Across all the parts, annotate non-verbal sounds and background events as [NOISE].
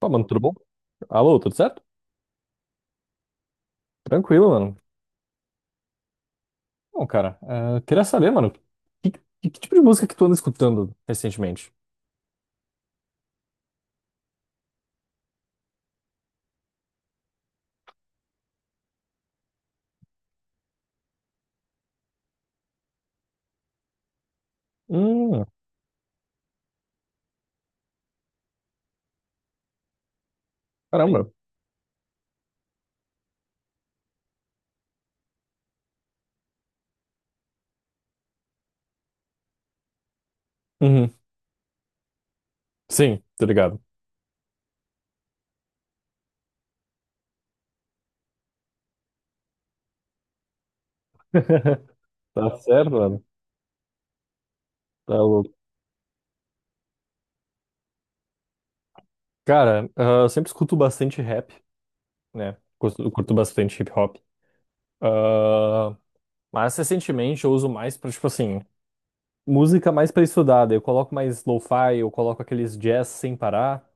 Pô, mano, tudo bom? Alô, tudo certo? Tranquilo, mano. Bom, cara, queria saber, mano, que tipo de música que tu anda escutando recentemente? Hum, caramba. Uhum. Sim, tô ligado. Tá certo, mano. Tá louco. Cara, eu sempre escuto bastante rap, né? Curto bastante hip hop. Ah, mas recentemente eu uso mais pra, tipo assim, música mais pra estudar. Daí eu coloco mais lo-fi, eu coloco aqueles jazz sem parar,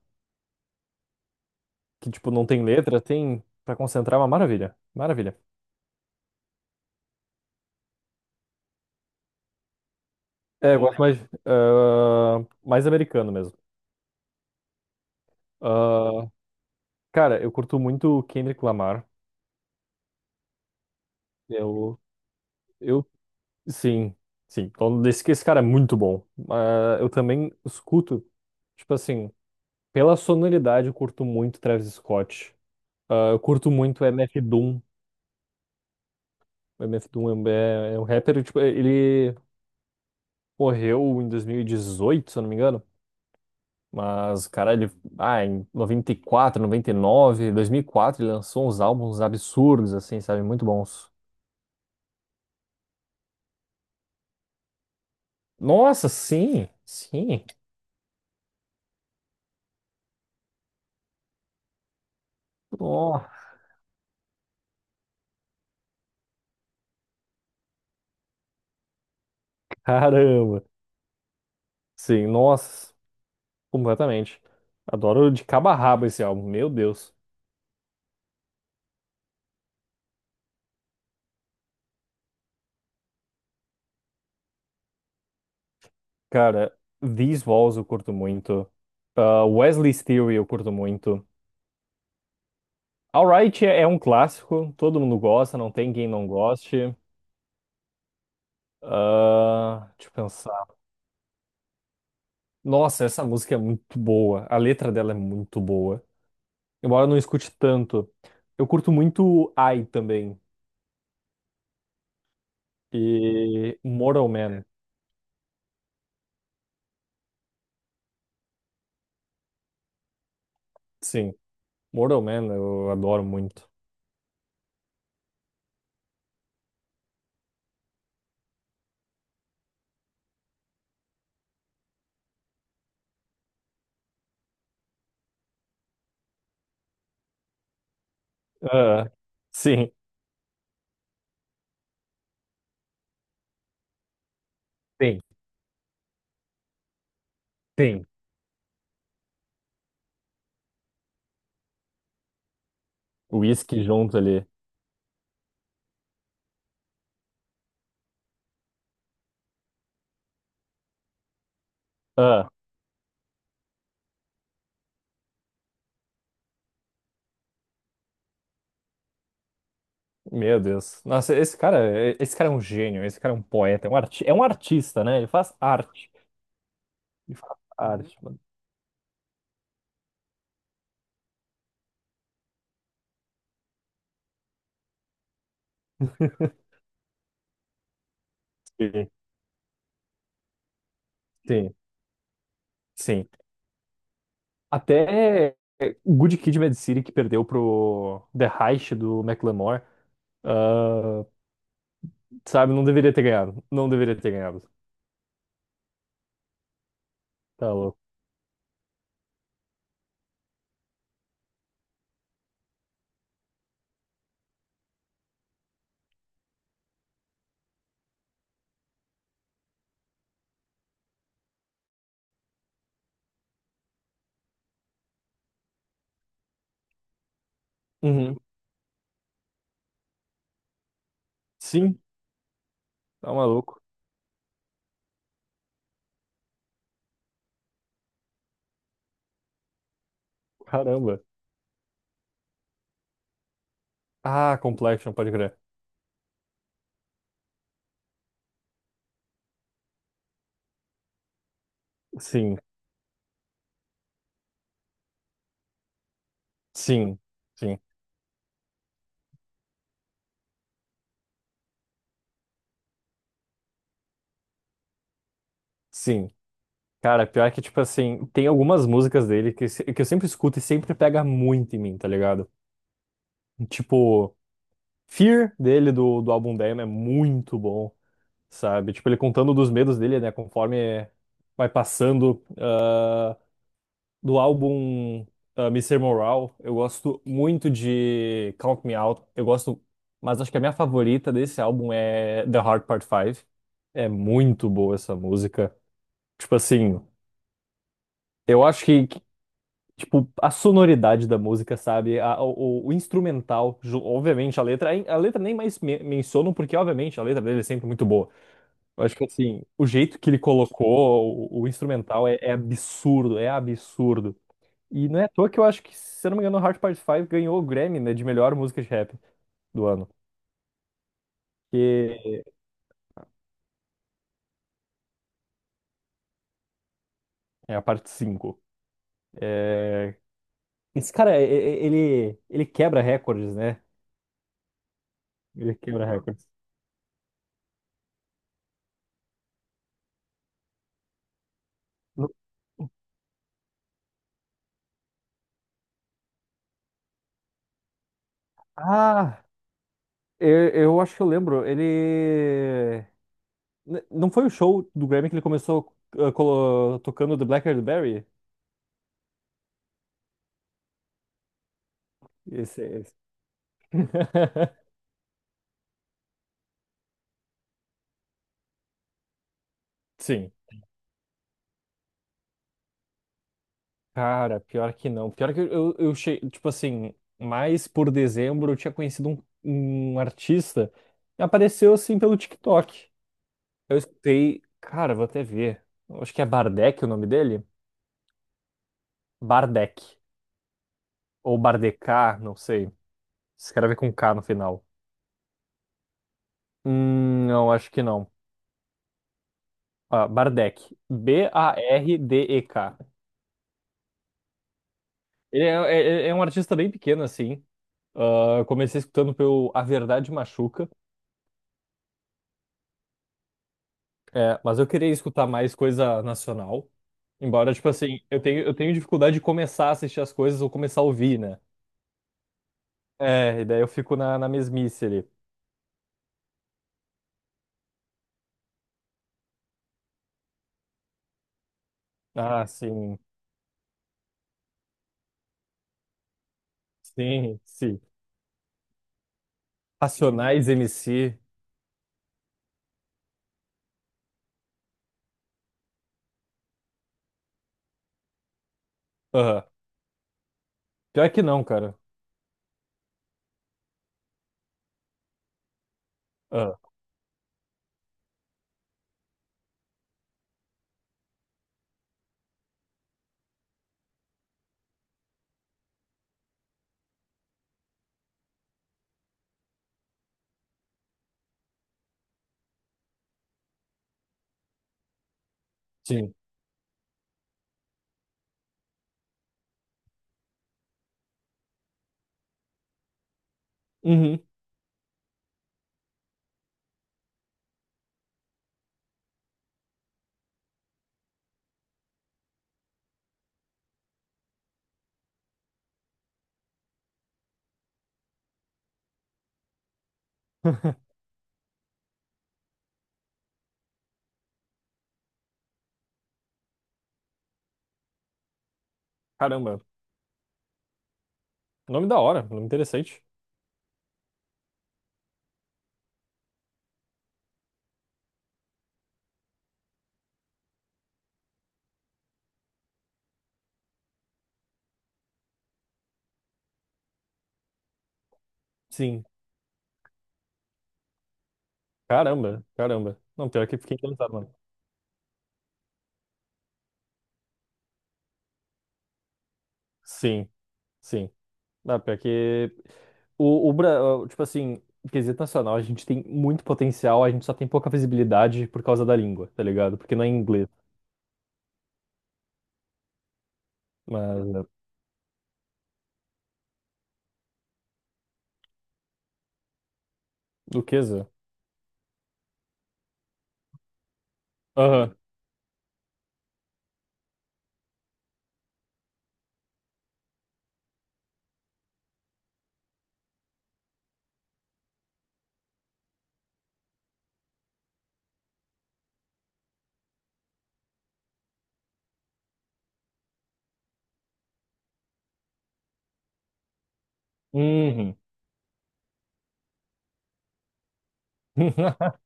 que, tipo, não tem letra, tem pra concentrar. É uma maravilha. Maravilha. É, eu gosto mais, mais americano mesmo. Ah, cara, eu curto muito o Kendrick Lamar. Eu, eu, sim, sim. Então, esse cara é muito bom. Eu também escuto, tipo assim, pela sonoridade, eu curto muito Travis Scott. Eu curto muito MF Doom. O MF Doom é um rapper, tipo, ele morreu em 2018, se eu não me engano. Mas, cara, ele, em 94, 99, 2004, ele lançou uns álbuns absurdos, assim, sabe? Muito bons. Nossa, sim, sim. Oh, caramba. Sim, nossa, completamente. Adoro de cabo a rabo esse álbum, meu Deus. Cara, These Walls eu curto muito. Wesley's Theory eu curto muito. Alright é um clássico, todo mundo gosta, não tem quem não goste. Deixa eu pensar. Nossa, essa música é muito boa. A letra dela é muito boa. Embora eu não escute tanto, eu curto muito I também. E Mortal Man, sim. Mortal Man eu adoro muito. Ah, sim, tem, tem. Whisky junto ali. Ah, meu Deus. Nossa, esse cara, esse cara é um gênio, esse cara é um poeta, é um, arti é um artista, né? Ele faz arte. Ele faz, uhum, arte, mano. [LAUGHS] Sim, sim, sim. Até Good Kid, Mad City, que perdeu pro The Heist do Macklemore, ah, sabe, não deveria ter ganhado. Não deveria ter ganhado. Tá louco. Uhum. Sim, tá maluco. Caramba. Complexion, pode crer. Sim, sim, sim, sim. Cara, pior que, tipo assim, tem algumas músicas dele que, que eu sempre escuto e sempre pega muito em mim, tá ligado? Tipo, Fear dele do álbum Damn é muito bom, sabe? Tipo, ele contando dos medos dele, né? Conforme vai passando do álbum Mr. Moral, eu gosto muito de Count Me Out. Eu gosto, mas acho que a minha favorita desse álbum é The Heart Part 5. É muito boa essa música. Tipo assim, eu acho que, tipo, a sonoridade da música, sabe? O instrumental, obviamente, a letra, nem mais me menciono, porque, obviamente, a letra dele é sempre muito boa. Eu acho que assim, o jeito que ele colocou o instrumental é absurdo, é absurdo. E não é à toa que eu acho que, se eu não me engano, o Hard Part 5 ganhou o Grammy, né, de melhor música de rap do ano. Que é a parte cinco. É. Esse cara, ele quebra recordes, né? Ele quebra recordes. No- Ah, eu eu acho que eu lembro. Ele. Não foi o show do Grammy que ele começou tocando The Black Eyed Berry? Esse, esse. [LAUGHS] Sim. Cara, pior que não. Pior que eu cheguei, tipo assim, mais por dezembro eu tinha conhecido um artista que apareceu assim pelo TikTok. Eu escutei, cara, vou até ver. Eu acho que é Bardec o nome dele? Bardec. Ou Bardecá, não sei. Escreve com K no final. Não, acho que não. Bardec. Bardek. Ele é um artista bem pequeno, assim. Eu comecei escutando pelo A Verdade Machuca. É, mas eu queria escutar mais coisa nacional. Embora, tipo assim, eu tenho dificuldade de começar a assistir as coisas ou começar a ouvir, né? É, e daí eu fico na mesmice ali. Sim, sim, sim. Racionais MC. Aham. Pior que não, cara. Aham. Sim. Uhum. [LAUGHS] Caramba. Nome da hora, nome interessante. Sim. Caramba, caramba. Não, pior que fiquei encantado, mano. Sim, sim. Não, pior que tipo assim, em quesito nacional, a gente tem muito potencial, a gente só tem pouca visibilidade por causa da língua, tá ligado? Porque não é inglês. Mas é, Duquesa? Aham. Uhum. [LAUGHS]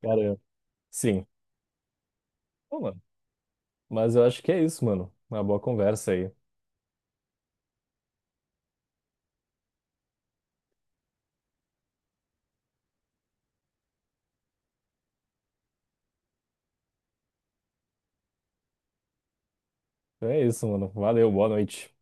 Cara, sim. Bom, mano. Mas eu acho que é isso, mano. Uma boa conversa aí. Então é isso, mano. Valeu, boa noite.